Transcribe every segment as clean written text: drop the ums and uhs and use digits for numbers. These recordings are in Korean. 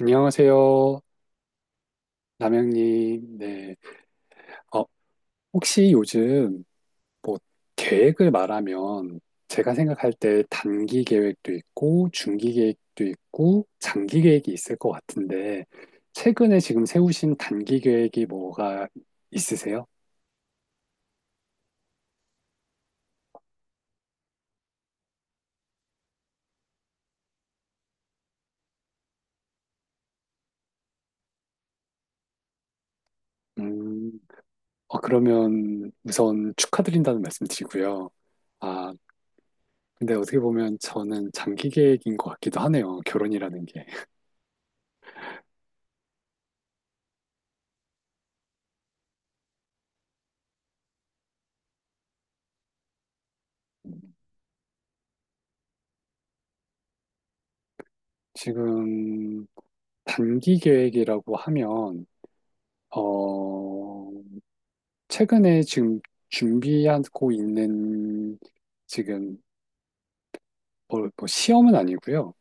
안녕하세요, 남영님. 네. 어, 혹시 요즘 뭐 계획을 말하면 제가 생각할 때 단기 계획도 있고 중기 계획도 있고 장기 계획이 있을 것 같은데 최근에 지금 세우신 단기 계획이 뭐가 있으세요? 음, 그러면 우선 축하드린다는 말씀 드리고요. 아, 근데 어떻게 보면 저는 장기 계획인 것 같기도 하네요. 결혼이라는 게. 지금 단기 계획이라고 하면, 어, 최근에 지금 준비하고 있는 지금 시험은 아니고요.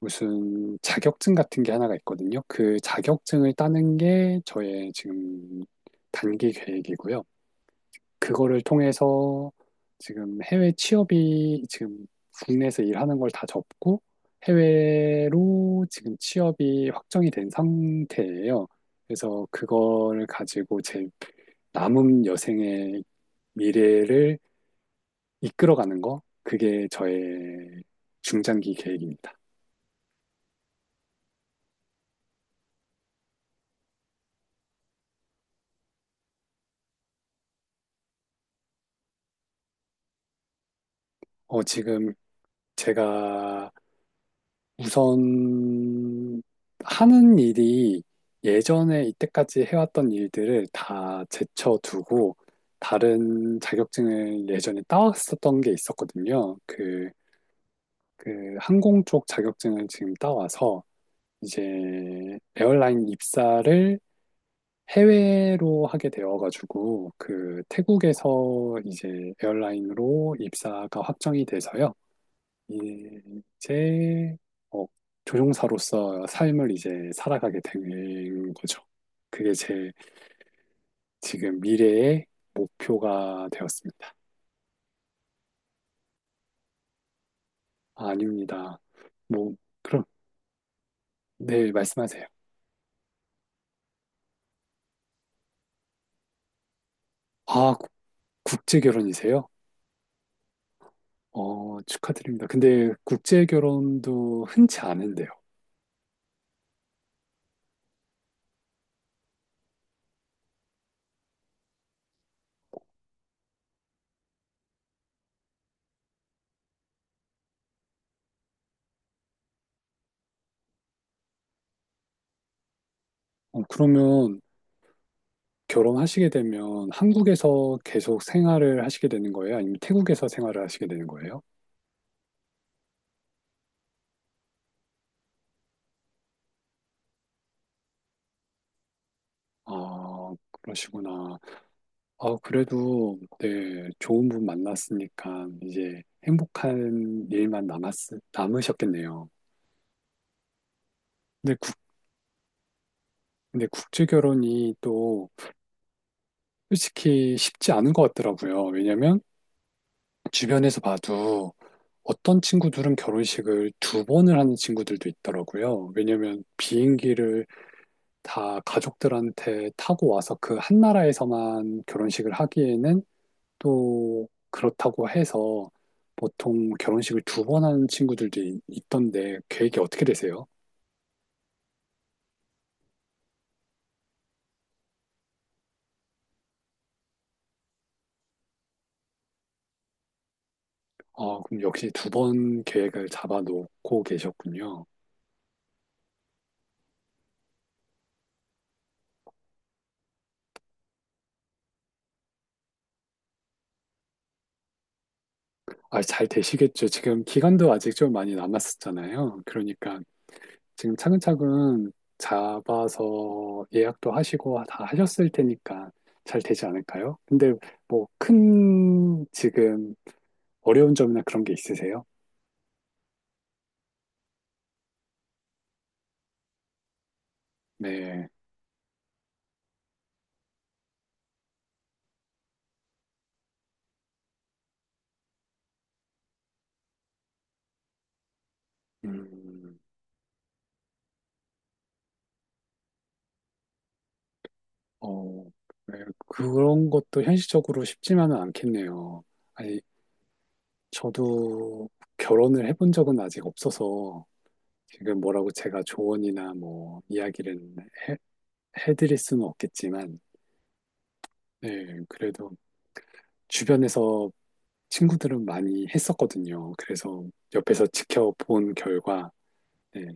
무슨 자격증 같은 게 하나가 있거든요. 그 자격증을 따는 게 저의 지금 단기 계획이고요. 그거를 통해서 지금 해외 취업이 지금 국내에서 일하는 걸 다 접고 해외로 지금 취업이 확정이 된 상태예요. 그래서 그거를 가지고 제 남은 여생의 미래를 이끌어가는 거, 그게 저의 중장기 계획입니다. 지금 제가 우선 하는 일이 예전에 이때까지 해왔던 일들을 다 제쳐두고 다른 자격증을 예전에 따왔었던 게 있었거든요. 그 항공 쪽 자격증을 지금 따와서 이제 에어라인 입사를 해외로 하게 되어가지고 그 태국에서 이제 에어라인으로 입사가 확정이 돼서요. 예, 이제 어, 조종사로서 삶을 이제 살아가게 된 거죠. 그게 제 지금 미래의 목표가 되었습니다. 아, 아닙니다. 뭐 그럼 네 말씀하세요. 아 국- 국제 결혼이세요? 어 축하드립니다. 근데 국제 결혼도 흔치 않은데요. 그러면 결혼하시게 되면 한국에서 계속 생활을 하시게 되는 거예요? 아니면 태국에서 생활을 하시게 되는 거예요? 아 그러시구나. 어 그래도, 네, 좋은 분 만났으니까, 이제 남으셨겠네요. 근데 국, 근데 국제 결혼이 또, 솔직히 쉽지 않은 것 같더라고요. 왜냐면, 주변에서 봐도, 어떤 친구들은 결혼식을 두 번을 하는 친구들도 있더라고요. 왜냐면, 비행기를 다 가족들한테 타고 와서 그 한 나라에서만 결혼식을 하기에는 또 그렇다고 해서 보통 결혼식을 두 번 하는 친구들도 있던데 계획이 어떻게 되세요? 아, 그럼 역시 두 번 계획을 잡아놓고 계셨군요. 아, 잘 되시겠죠. 지금 기간도 아직 좀 많이 남았었잖아요. 그러니까 지금 차근차근 잡아서 예약도 하시고 다 하셨을 테니까 잘 되지 않을까요? 근데 뭐 큰 지금 어려운 점이나 그런 게 있으세요? 네. 음. 어, 네, 그런 것도 현실적으로 쉽지만은 않겠네요. 아니, 저도 결혼을 해본 적은 아직 없어서 지금 뭐라고 제가 조언이나 뭐 이야기를 해, 해드릴 수는 없겠지만, 네, 그래도 주변에서 친구들은 많이 했었거든요. 그래서 옆에서 지켜본 결과, 네,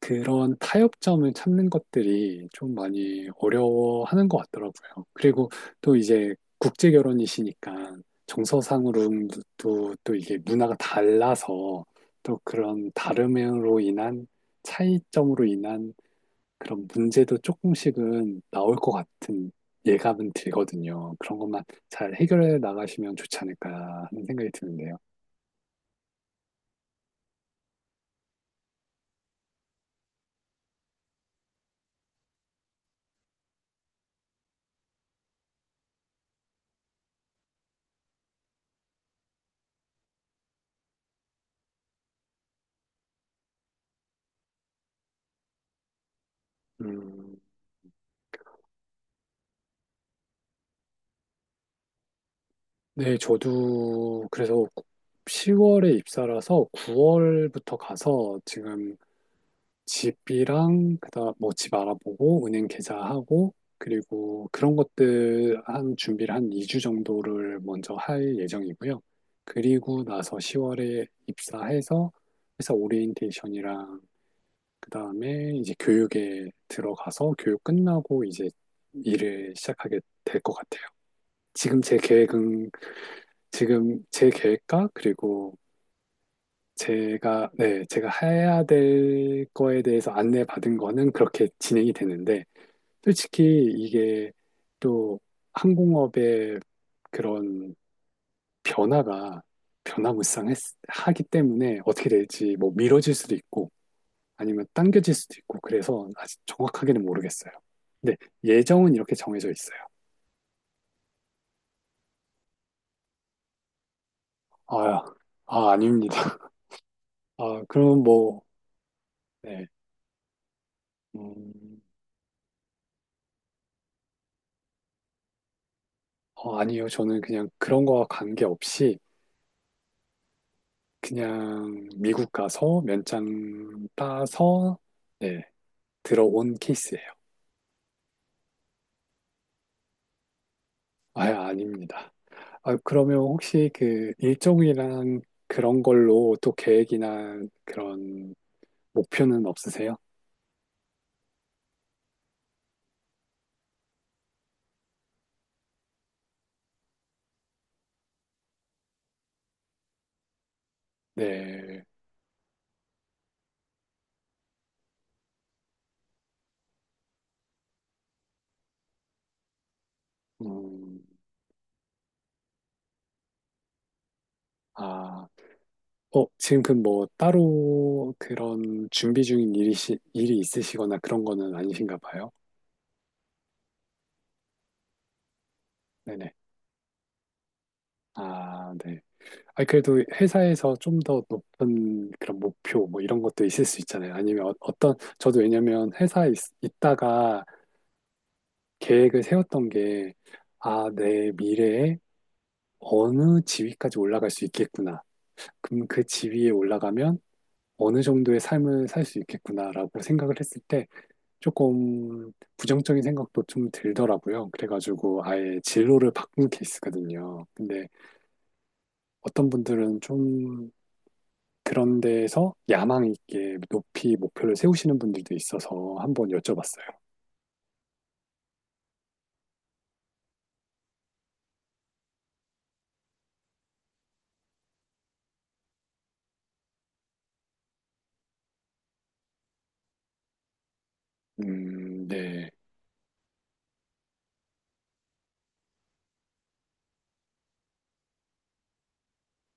그런 타협점을 찾는 것들이 좀 많이 어려워하는 것 같더라고요. 그리고 또 이제 국제 결혼이시니까 정서상으로도 또 이게 문화가 달라서 또 그런 다름으로 인한 차이점으로 인한 그런 문제도 조금씩은 나올 것 같은 예감은 들거든요. 그런 것만 잘 해결해 나가시면 좋지 않을까 하는 생각이 드는데요. 음. 네, 저도 그래서 10월에 입사라서 9월부터 가서 지금 집이랑 그다음 뭐 집 알아보고 은행 계좌하고 그리고 그런 것들 한 준비를 한 2주 정도를 먼저 할 예정이고요. 그리고 나서 10월에 입사해서 회사 오리엔테이션이랑 그다음에 이제 교육에 들어가서 교육 끝나고 이제 일을 시작하게 될 것 같아요. 지금 제 계획은 지금 제 계획과 그리고 네, 제가 해야 될 거에 대해서 안내받은 거는 그렇게 진행이 되는데, 솔직히 이게 또 항공업의 그런 변화가 변화무쌍하기 때문에 어떻게 될지 뭐 미뤄질 수도 있고 아니면 당겨질 수도 있고 그래서 아직 정확하게는 모르겠어요. 근데 예정은 이렇게 정해져 있어요. 아, 아닙니다. 아, 그럼 뭐, 네. 음, 어, 아니요. 저는 그냥 그런 거와 관계없이 그냥 미국 가서 면장 따서 네, 들어온 케이스예요. 아, 아닙니다. 아, 그러면 혹시 그 일정이랑 그런 걸로 또 계획이나 그런 목표는 없으세요? 네. 음, 아, 어, 지금 그 뭐 따로 그런 준비 중인 일이 있으시거나 그런 거는 아니신가 봐요. 네네. 아, 네. 아니, 그래도 회사에서 좀 더 높은 그런 목표 뭐 이런 것도 있을 수 있잖아요. 아니면 저도 왜냐면 회사에 있, 다가 계획을 세웠던 게, 아, 내 미래에 어느 지위까지 올라갈 수 있겠구나. 그럼 그 지위에 올라가면 어느 정도의 삶을 살 수 있겠구나라고 생각을 했을 때 조금 부정적인 생각도 좀 들더라고요. 그래가지고 아예 진로를 바꾼 케이스거든요. 근데 어떤 분들은 좀 그런 데에서 야망 있게 높이 목표를 세우시는 분들도 있어서 한번 여쭤봤어요. 네.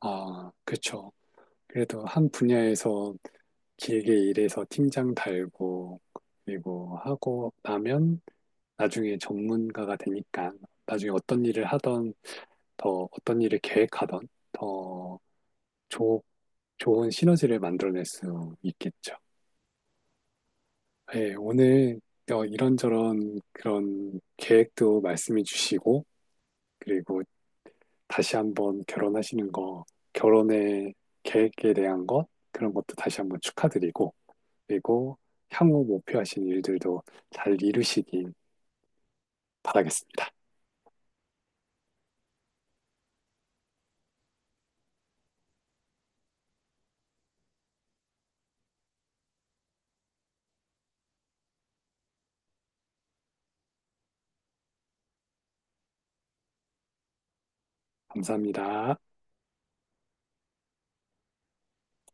아, 그렇죠. 그래도 한 분야에서 길게 일해서 팀장 달고 그리고 하고 나면 나중에 전문가가 되니까 나중에 어떤 일을 하던 더 어떤 일을 계획하던 더 좋, 좋은 시너지를 만들어낼 수 있겠죠. 네, 오늘 이런저런 그런 계획도 말씀해 주시고, 그리고 다시 한번 결혼하시는 거, 결혼의 계획에 대한 것, 그런 것도 다시 한번 축하드리고, 그리고 향후 목표하신 일들도 잘 이루시길 바라겠습니다. 감사합니다.